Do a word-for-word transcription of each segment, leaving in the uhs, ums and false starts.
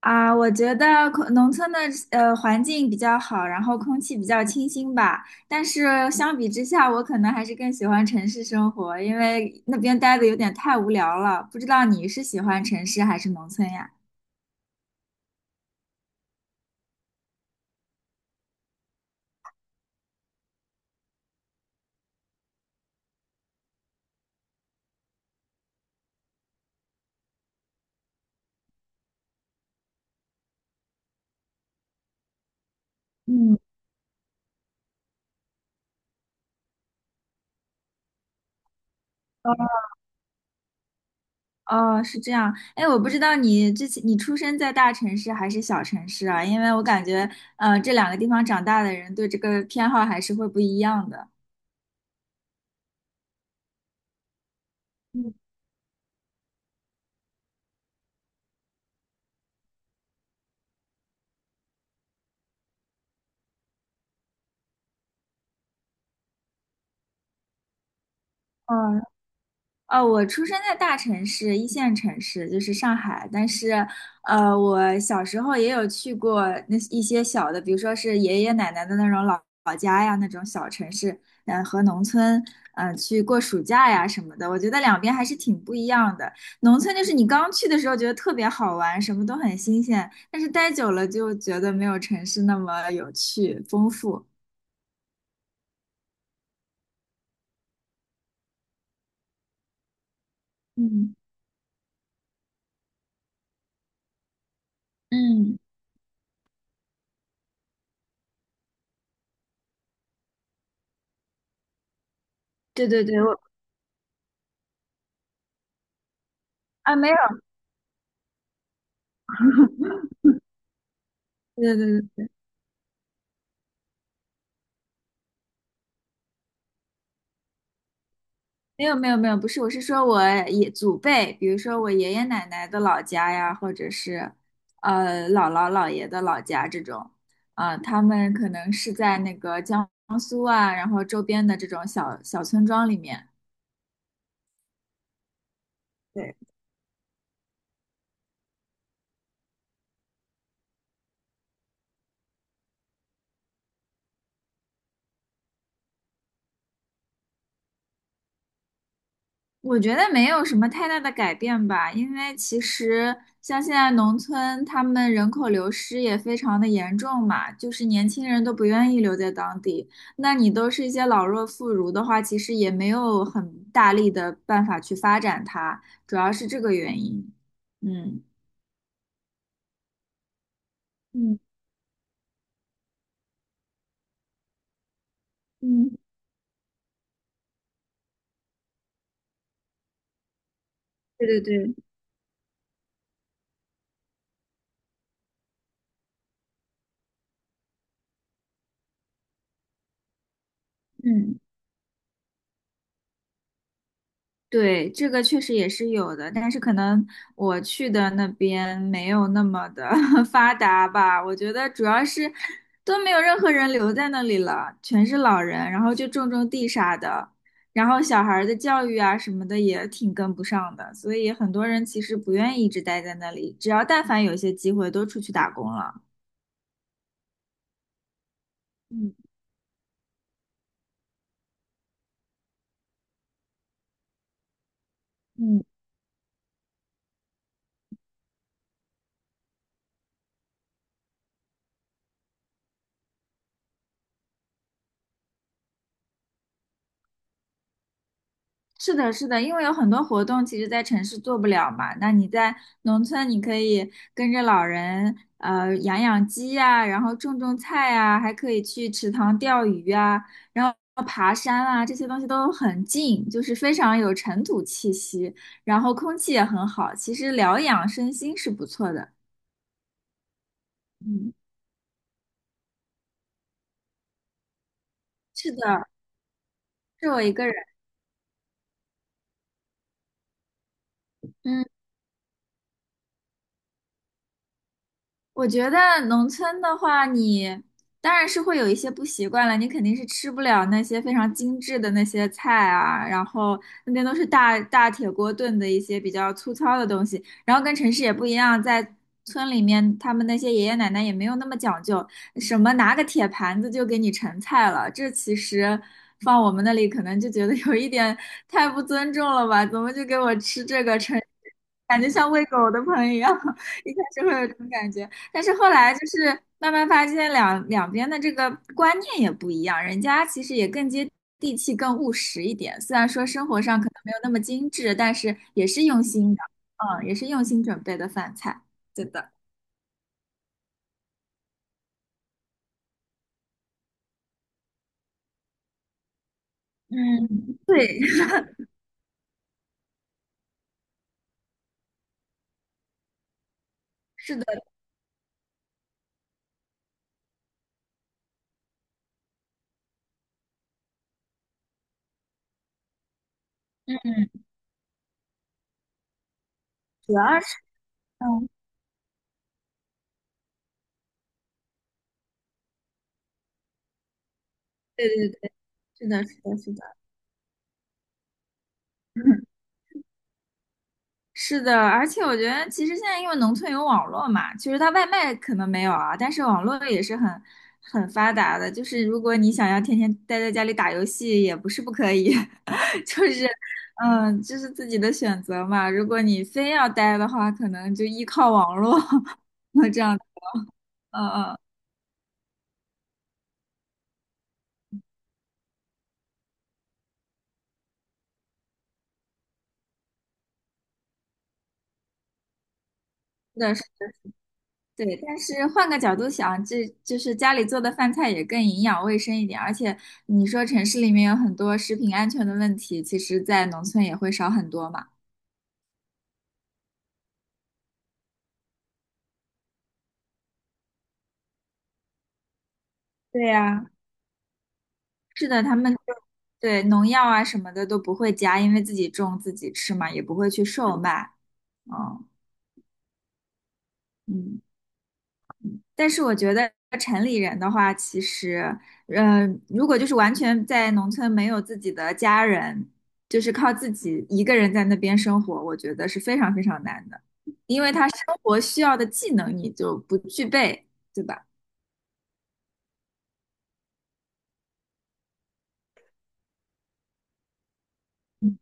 啊，我觉得空农村的呃环境比较好，然后空气比较清新吧。但是相比之下，我可能还是更喜欢城市生活，因为那边待的有点太无聊了。不知道你是喜欢城市还是农村呀？嗯，哦，是这样。哎，我不知道你之前你出生在大城市还是小城市啊？因为我感觉呃这两个地方长大的人对这个偏好还是会不一样的。嗯，哦哦，我出生在大城市，一线城市，就是上海。但是，呃，我小时候也有去过那一些小的，比如说是爷爷奶奶的那种老老家呀，那种小城市，嗯、和农村，嗯、去过暑假呀什么的。我觉得两边还是挺不一样的。农村就是你刚去的时候觉得特别好玩，什么都很新鲜，但是待久了就觉得没有城市那么有趣、丰富。嗯嗯，对对对，我啊没有，对对对。没有没有没有，不是，我是说我爷祖辈，比如说我爷爷奶奶的老家呀，或者是呃姥姥姥爷的老家这种，啊、他们可能是在那个江苏啊，然后周边的这种小小村庄里面。对我觉得没有什么太大的改变吧，因为其实像现在农村，他们人口流失也非常的严重嘛，就是年轻人都不愿意留在当地。那你都是一些老弱妇孺的话，其实也没有很大力的办法去发展它，主要是这个原因。嗯嗯嗯，对对对，嗯。对，这个确实也是有的，但是可能我去的那边没有那么的 发达吧。我觉得主要是都没有任何人留在那里了，全是老人，然后就种种地啥的，然后小孩儿的教育啊什么的也挺跟不上的，所以很多人其实不愿意一直待在那里，只要但凡有一些机会都出去打工了。嗯嗯。是的，是的，因为有很多活动其实在城市做不了嘛。那你在农村，你可以跟着老人，呃，养养鸡呀，然后种种菜呀，还可以去池塘钓鱼啊，然后爬山啊，这些东西都很近，就是非常有尘土气息，然后空气也很好，其实疗养身心是不错的。嗯，是的，是我一个人。嗯。我觉得农村的话，你当然是会有一些不习惯了，你肯定是吃不了那些非常精致的那些菜啊，然后那边都是大大铁锅炖的一些比较粗糙的东西，然后跟城市也不一样，在村里面他们那些爷爷奶奶也没有那么讲究，什么拿个铁盘子就给你盛菜了，这其实放我们那里可能就觉得有一点太不尊重了吧，怎么就给我吃这个盛，感觉像喂狗的盆一样。一开始会有这种感觉，但是后来就是慢慢发现两两边的这个观念也不一样，人家其实也更接地气、更务实一点。虽然说生活上可能没有那么精致，但是也是用心的，嗯，也是用心准备的饭菜。对的，嗯，对，是的，主要是，嗯，对对对，是的，是的，是的。是的，而且我觉得其实现在因为农村有网络嘛，其实它外卖可能没有啊，但是网络也是很很发达的。就是如果你想要天天待在家里打游戏，也不是不可以，就是嗯，就是自己的选择嘛。如果你非要待的话，可能就依靠网络 那这样，嗯嗯，对。对，但是换个角度想，这就是家里做的饭菜也更营养卫生一点，而且你说城市里面有很多食品安全的问题，其实在农村也会少很多嘛。对呀，是的，他们就对农药啊什么的都不会加，因为自己种自己吃嘛，也不会去售卖。嗯嗯。但是我觉得城里人的话，其实，嗯，如果就是完全在农村没有自己的家人，就是靠自己一个人在那边生活，我觉得是非常非常难的，因为他生活需要的技能你就不具备，对吧？嗯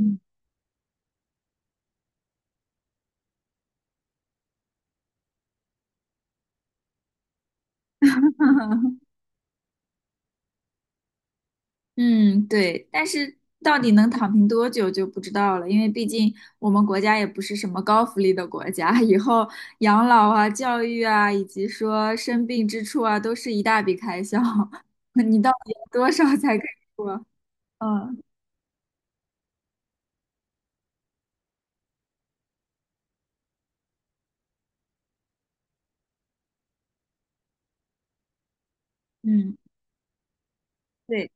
嗯嗯，对，但是到底能躺平多久就不知道了，因为毕竟我们国家也不是什么高福利的国家，以后养老啊、教育啊，以及说生病支出啊，都是一大笔开销。你到底有多少才可以说？嗯嗯，对，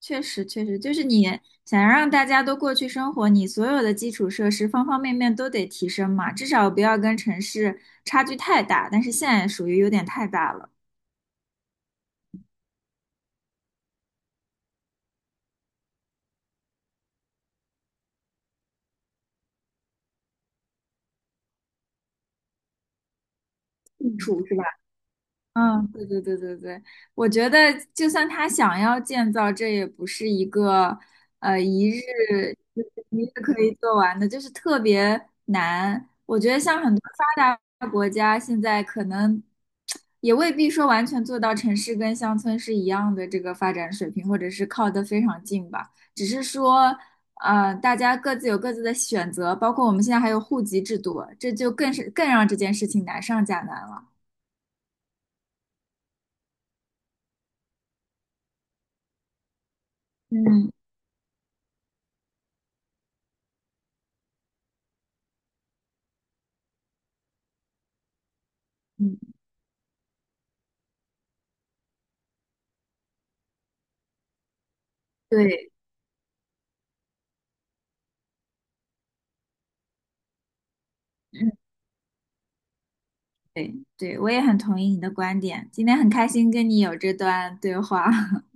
确实确实，就是你想让大家都过去生活，你所有的基础设施方方面面都得提升嘛，至少不要跟城市差距太大，但是现在属于有点太大了，嗯。处是吧？嗯，对对对对对，我觉得就算他想要建造，这也不是一个呃一日就是一日可以做完的，就是特别难。我觉得像很多发达国家现在可能也未必说完全做到城市跟乡村是一样的这个发展水平，或者是靠得非常近吧。只是说，呃，大家各自有各自的选择，包括我们现在还有户籍制度，这就更是更让这件事情难上加难了。嗯。嗯对，嗯，对，对，我也很同意你的观点。今天很开心跟你有这段对话。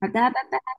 好的，拜拜。